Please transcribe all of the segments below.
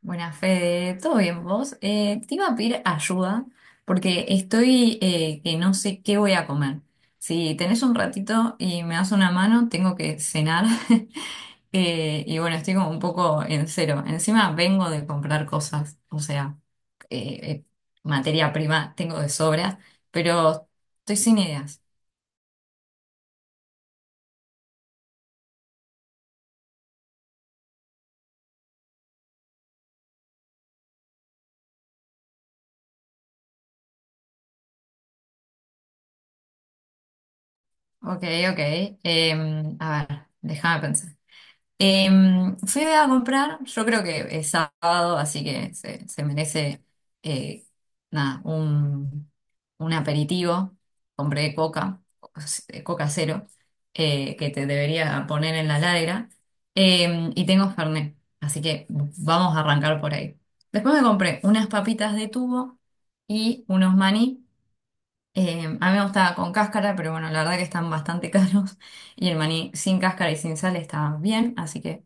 Buenas, Fede. ¿Todo bien vos? Te iba a pedir ayuda porque estoy que no sé qué voy a comer. Si tenés un ratito y me das una mano, tengo que cenar. Bueno, estoy como un poco en cero. Encima vengo de comprar cosas, o sea, eh, eh, materia prima tengo de sobra, pero estoy sin ideas. Ok, ok. A ver, déjame pensar. Fui a comprar, yo creo que es sábado, así que se merece eh, nada, un aperitivo. Compré coca, coca cero, que te debería poner en la ladera. Y tengo Fernet, así que vamos a arrancar por ahí. Después me compré unas papitas de tubo y unos maní. A mí me gustaba con cáscara, pero bueno, la verdad que están bastante caros. Y el maní sin cáscara y sin sal está bien, así que.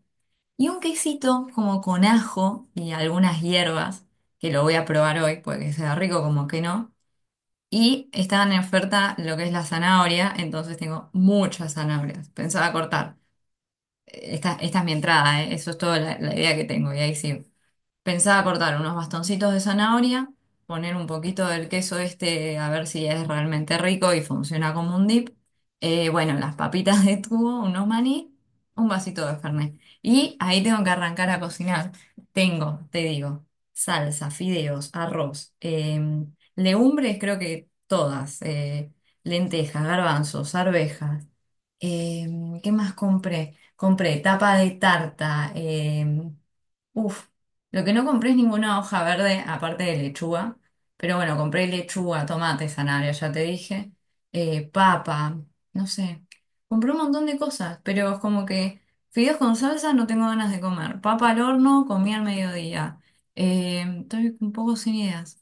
Y un quesito como con ajo y algunas hierbas, que lo voy a probar hoy, porque sea rico como que no. Y estaban en oferta lo que es la zanahoria, entonces tengo muchas zanahorias. Pensaba cortar. Esta es mi entrada, ¿eh? Eso es toda la idea que tengo. Y ahí sí, pensaba cortar unos bastoncitos de zanahoria, poner un poquito del queso este a ver si es realmente rico y funciona como un dip. Bueno, las papitas de tubo, unos maní, un vasito de Fernet. Y ahí tengo que arrancar a cocinar. Tengo, te digo, salsa, fideos, arroz, legumbres, creo que todas, lentejas, garbanzos, arvejas. ¿Qué más compré? Compré tapa de tarta. Uf, lo que no compré es ninguna hoja verde, aparte de lechuga. Pero bueno, compré lechuga, tomate, zanahoria, ya te dije. Papa, no sé. Compré un montón de cosas, pero es como que fideos con salsa no tengo ganas de comer. Papa al horno, comí al mediodía. Estoy un poco sin ideas.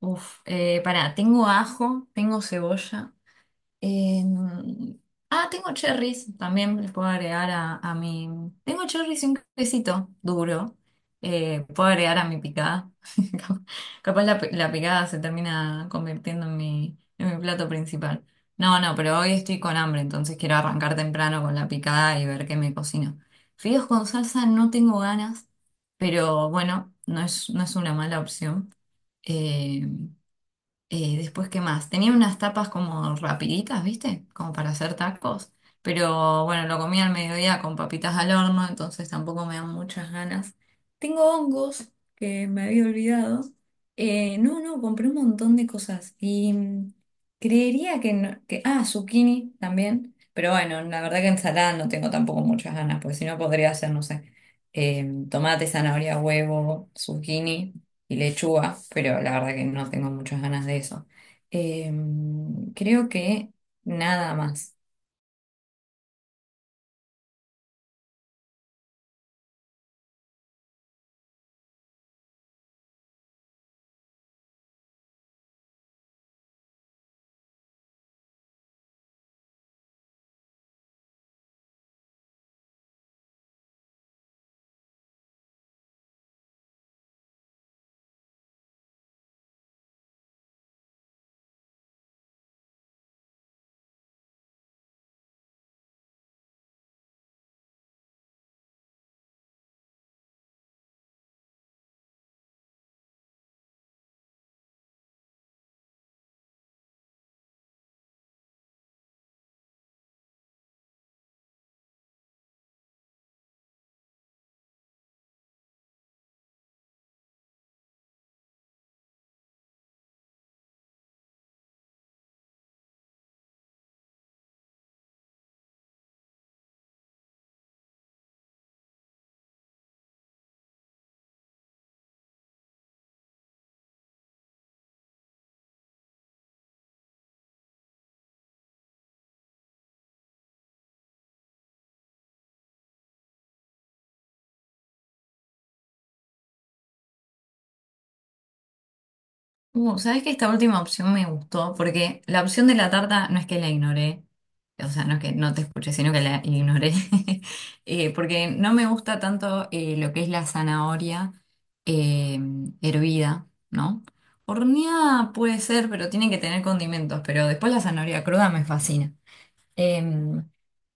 Pará, tengo ajo, tengo cebolla. Em, ah, tengo cherries, también les puedo agregar a mi... Tengo cherries y un quesito duro, puedo agregar a mi picada. Cap- Capaz la picada se termina convirtiendo en en mi plato principal. No, no, pero hoy estoy con hambre, entonces quiero arrancar temprano con la picada y ver qué me cocino. Fideos con salsa no tengo ganas, pero bueno, no es una mala opción. Em, Después, ¿qué más? Tenía unas tapas como rapiditas, ¿viste? Como para hacer tacos. Pero bueno, lo comí al mediodía con papitas al horno, entonces tampoco me dan muchas ganas. Tengo hongos que me había olvidado. No, no, compré un montón de cosas. Y mm, creería que, no- que... Ah, zucchini también. Pero bueno, la verdad que ensalada no tengo tampoco muchas ganas, porque si no podría hacer, no sé, tomate, zanahoria, huevo, zucchini y lechuga, pero la verdad que no tengo muchas ganas de eso. Creo que nada más. ¿Sabes que esta última opción me gustó porque la opción de la tarta no es que la ignoré, o sea, no es que no te escuché, sino que la ignoré, porque no me gusta tanto lo que es la zanahoria eh, hervida, ¿no? Horneada puede ser, pero tiene que tener condimentos, pero después la zanahoria cruda me fascina. Em,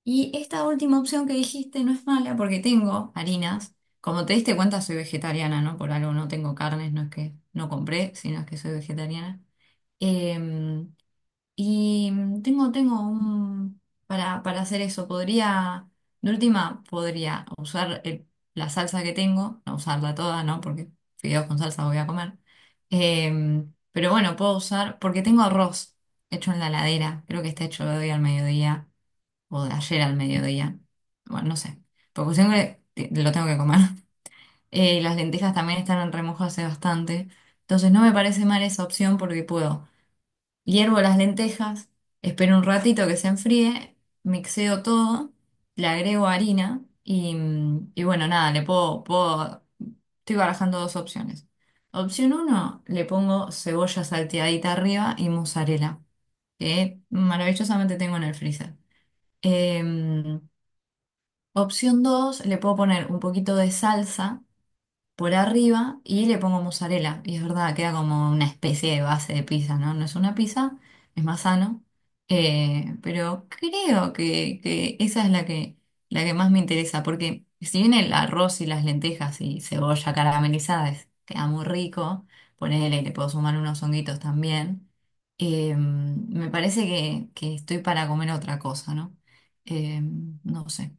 Y esta última opción que dijiste no es mala porque tengo harinas. Como te diste cuenta, soy vegetariana, ¿no? Por algo no tengo carnes, no es que no compré, sino es que soy vegetariana. Em, y tengo un... Para hacer eso, podría, de última, podría la salsa que tengo, no usarla toda, ¿no? Porque fideos con salsa voy a comer. Pero bueno, puedo usar, porque tengo arroz hecho en la heladera, creo que está hecho hoy al mediodía o de ayer al mediodía. Bueno, no sé. Porque lo tengo que comer. Y las lentejas también están en remojo hace bastante. Entonces no me parece mal esa opción porque puedo. Hiervo las lentejas, espero un ratito que se enfríe, mixeo todo, le agrego harina y, mm, y bueno, nada, puedo. Estoy barajando dos opciones. Opción uno, le pongo cebolla salteadita arriba y mozzarella, que maravillosamente tengo en el freezer. Em, Opción 2, le puedo poner un poquito de salsa por arriba y le pongo mozzarella. Y es verdad, queda como una especie de base de pizza, ¿no? No es una pizza, es más sano. Pero creo que esa es la que más me interesa, porque si bien el arroz y las lentejas y cebolla caramelizada queda muy rico, ponele, le puedo sumar unos honguitos también, me parece que estoy para comer otra cosa, ¿no? Eh, no sé.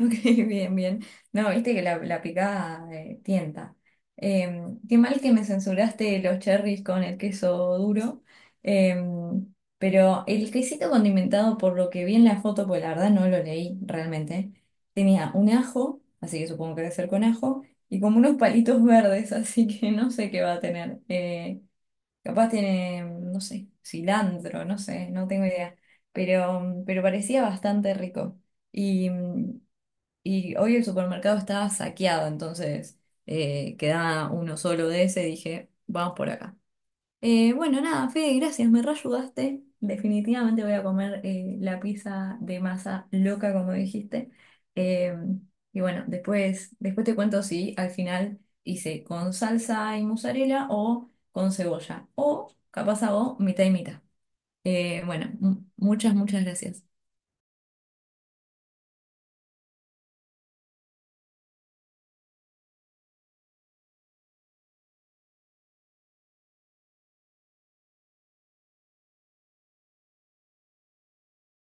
Ok, bien, bien. No, viste que la picada tienta. Qué mal que me censuraste los cherries con el queso duro. Pero el quesito condimentado, por lo que vi en la foto, pues la verdad no lo leí realmente, tenía un ajo, así que supongo que debe ser con ajo, y como unos palitos verdes, así que no sé qué va a tener. Capaz tiene, no sé, cilantro, no sé, no tengo idea. Pero parecía bastante rico. Y. mm, y hoy el supermercado estaba saqueado, entonces quedaba uno solo de ese. Dije, vamos por acá. Bueno, nada, Fede, gracias, me reayudaste. Definitivamente voy a comer la pizza de masa loca, como dijiste. Eh, bueno, después te cuento si al final hice con salsa y mozzarella o con cebolla. O capaz hago mitad y mitad. Bueno, muchas gracias.